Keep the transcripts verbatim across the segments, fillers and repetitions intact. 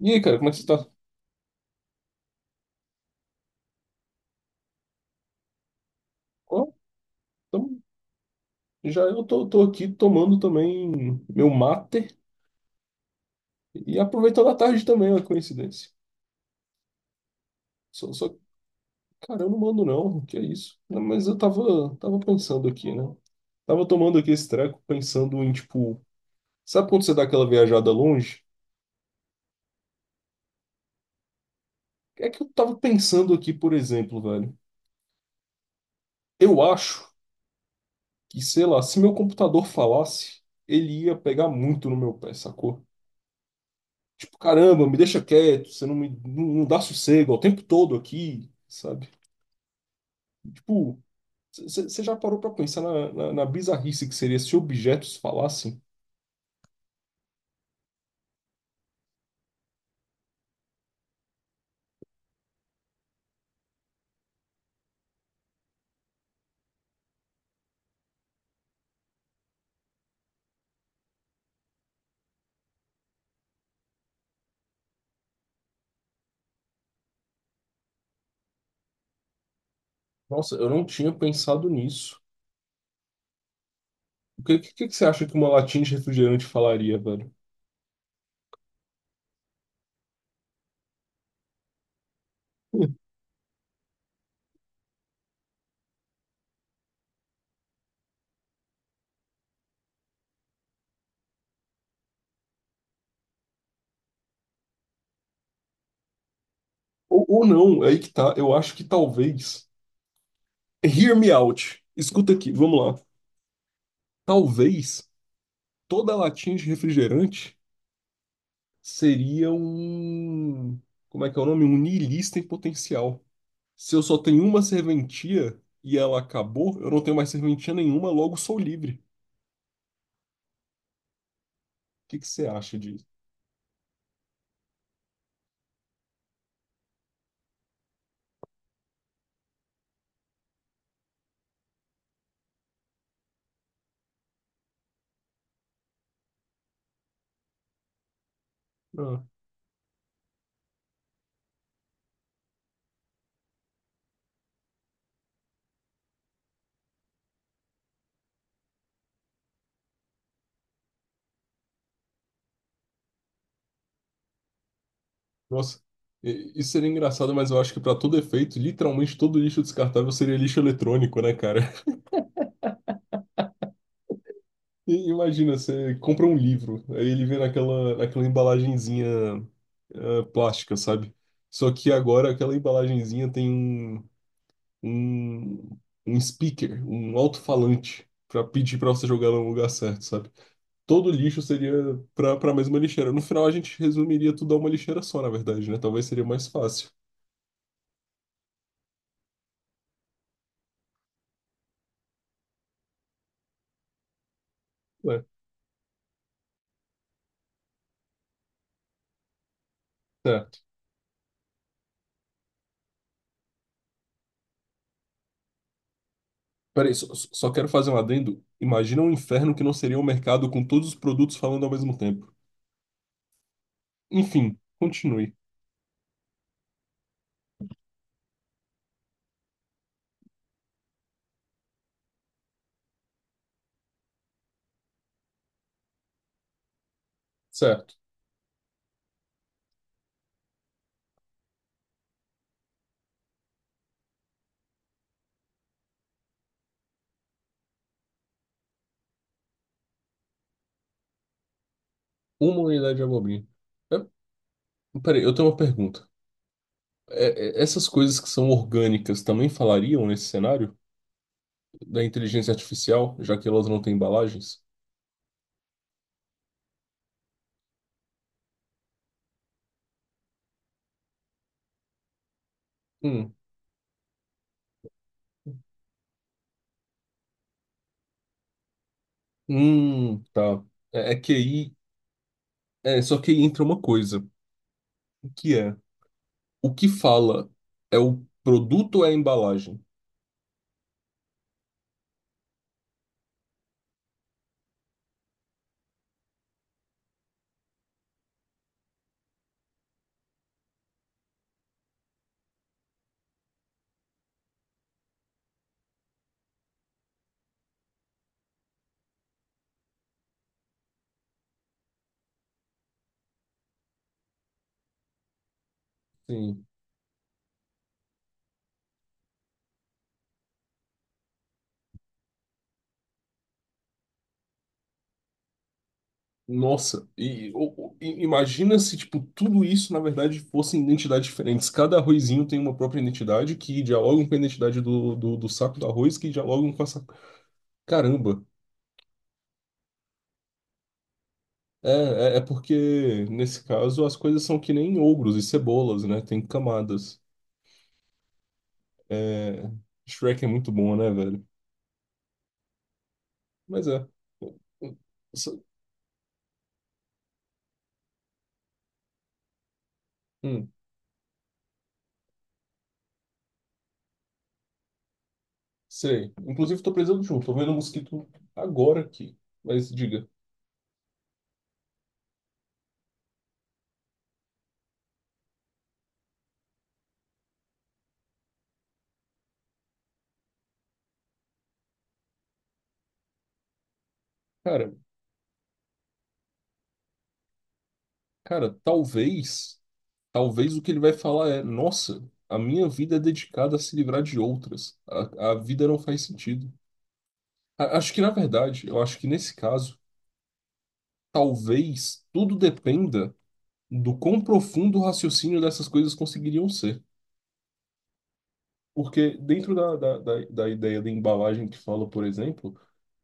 E aí, cara, como é que você tá? Ó, tamo- já eu tô, tô aqui tomando também meu mate e aproveitando a tarde também, olha que coincidência. Só, só, cara, eu não mando não, que é isso? Não, mas eu tava, tava pensando aqui, né? Tava tomando aqui esse treco, pensando em, tipo, sabe quando você dá aquela viajada longe? É que eu tava pensando aqui, por exemplo, velho. Eu acho que, sei lá, se meu computador falasse, ele ia pegar muito no meu pé, sacou? Tipo, caramba, me deixa quieto, você não me não, não dá sossego é o tempo todo aqui, sabe? Tipo, você já parou pra pensar na, na, na bizarrice que seria se objetos falassem? Nossa, eu não tinha pensado nisso. O que que você acha que uma latinha de refrigerante falaria, velho? Hum. Ou, ou não, é aí que tá. Eu acho que talvez. Hear me out. Escuta aqui, vamos lá. Talvez toda latinha de refrigerante seria um. Como é que é o nome? Um niilista em potencial. Se eu só tenho uma serventia e ela acabou, eu não tenho mais serventia nenhuma, logo sou livre. O que que você acha disso? Ah, nossa, E- isso seria engraçado, mas eu acho que para todo efeito, literalmente todo lixo descartável seria lixo eletrônico, né, cara? E imagina, você compra um livro, aí ele vem naquela, naquela embalagenzinha eh, plástica, sabe? Só que agora aquela embalagenzinha tem um, um, um speaker, um alto-falante, para pedir para você jogar no lugar certo, sabe? Todo lixo seria para para a mesma lixeira. No final, a gente resumiria tudo a uma lixeira só, na verdade, né? Talvez seria mais fácil. É, certo. Peraí, só, só quero fazer um adendo. Imagina um inferno que não seria um mercado com todos os produtos falando ao mesmo tempo. Enfim, continue. Certo. Uma unidade de abobrinha. É, peraí, eu tenho uma pergunta. É, é, essas coisas que são orgânicas também falariam nesse cenário da inteligência artificial, já que elas não têm embalagens? Hum, hum, tá. É, é que aí, é, só que aí entra uma coisa. Que é o que fala é o produto ou é a embalagem? Sim. Nossa, e, o- o- i- imagina se tipo tudo isso na verdade fossem identidades diferentes. Cada arrozinho tem uma própria identidade que dialogam com a identidade do, do, do saco do arroz que dialogam com essa. Caramba. É, é, é porque nesse caso as coisas são que nem ogros e cebolas, né? Tem camadas. É, Shrek é muito bom, né, velho? Mas é. Hum. Sei. Inclusive, tô precisando de um. Tô vendo um mosquito agora aqui. Mas diga, cara, cara, talvez, talvez o que ele vai falar é, nossa, a minha vida é dedicada a se livrar de outras. A, a vida não faz sentido. A- acho que, na verdade, eu acho que nesse caso, talvez tudo dependa do quão profundo o raciocínio dessas coisas conseguiriam ser. Porque dentro da, da, da, da ideia da embalagem que fala, por exemplo,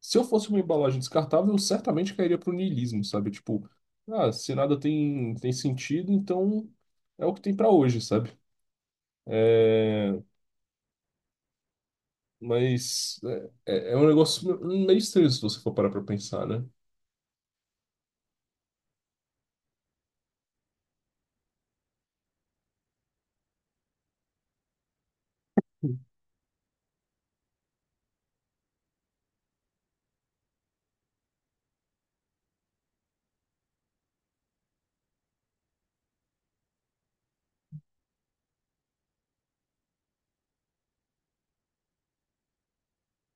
se eu fosse uma embalagem descartável, eu certamente cairia pro niilismo, sabe? Tipo, ah, se nada tem, tem sentido, então é o que tem para hoje, sabe? É, mas é, é é um negócio meio estranho se você for parar pra pensar, né?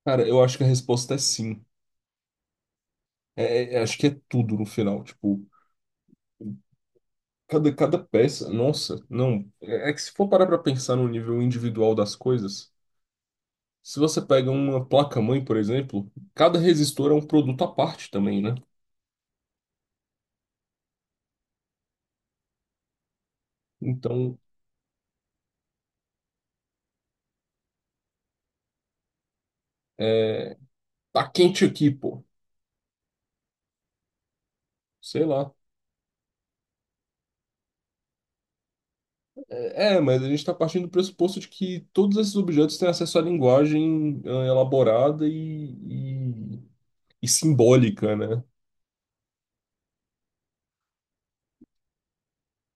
Cara, eu acho que a resposta é sim. É, é- é, acho que é tudo no final. Tipo, cada, cada peça. Nossa, não. É, é que se for parar pra pensar no nível individual das coisas. Se você pega uma placa-mãe, por exemplo, cada resistor é um produto à parte também, né? Então, tá quente aqui, pô. Sei lá. É, é, mas a gente tá partindo do pressuposto de que todos esses objetos têm acesso à linguagem ah, elaborada e, e, e simbólica, né?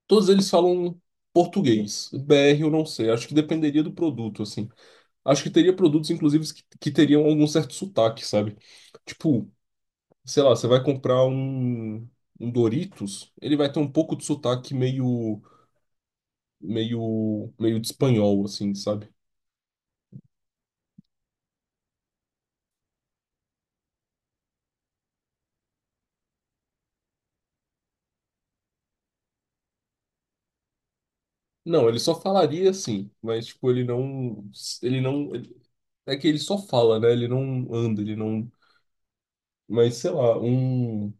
Todos eles falam português. B R eu não sei. Acho que dependeria do produto, assim. Acho que teria produtos, inclusive, que, que teriam algum certo sotaque, sabe? Tipo, sei lá, você vai comprar um, um Doritos, ele vai ter um pouco de sotaque meio, meio, meio de espanhol, assim, sabe? Não, ele só falaria assim, mas tipo, ele não, ele não, ele- é que ele só fala, né? Ele não anda, ele não, mas sei lá, um,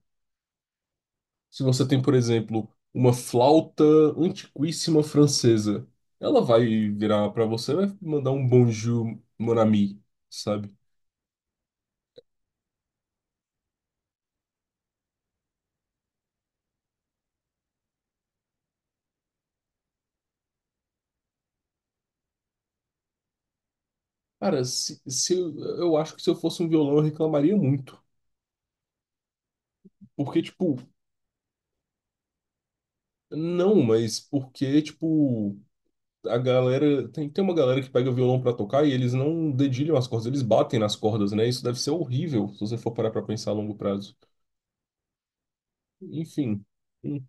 se você tem, por exemplo, uma flauta antiquíssima francesa, ela vai virar pra você, e vai mandar um bonjour, mon ami, sabe? Cara, se, se eu, eu acho que se eu fosse um violão eu reclamaria muito. Porque, tipo, não, mas porque, tipo, a galera. Tem, tem uma galera que pega violão pra tocar e eles não dedilham as cordas, eles batem nas cordas, né? Isso deve ser horrível se você for parar pra pensar a longo prazo. Enfim, hum,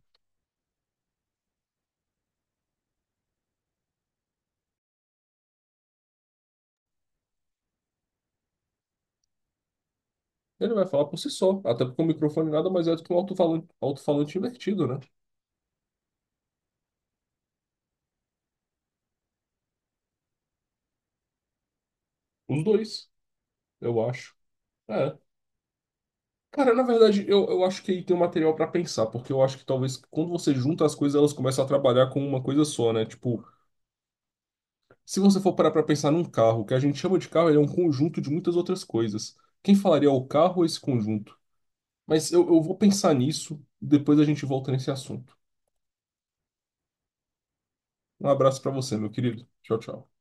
ele vai falar por si só. Até porque o microfone nada mais é do que um alto-falante, alto-falante invertido, né? Os dois, eu acho. É. Cara, na verdade, eu, eu acho que aí tem um material pra pensar, porque eu acho que talvez quando você junta as coisas, elas começam a trabalhar com uma coisa só, né? Tipo, se você for parar pra pensar num carro, o que a gente chama de carro, ele é um conjunto de muitas outras coisas. Quem falaria o carro ou esse conjunto? Mas eu, eu vou pensar nisso, depois a gente volta nesse assunto. Um abraço pra você, meu querido. Tchau, tchau.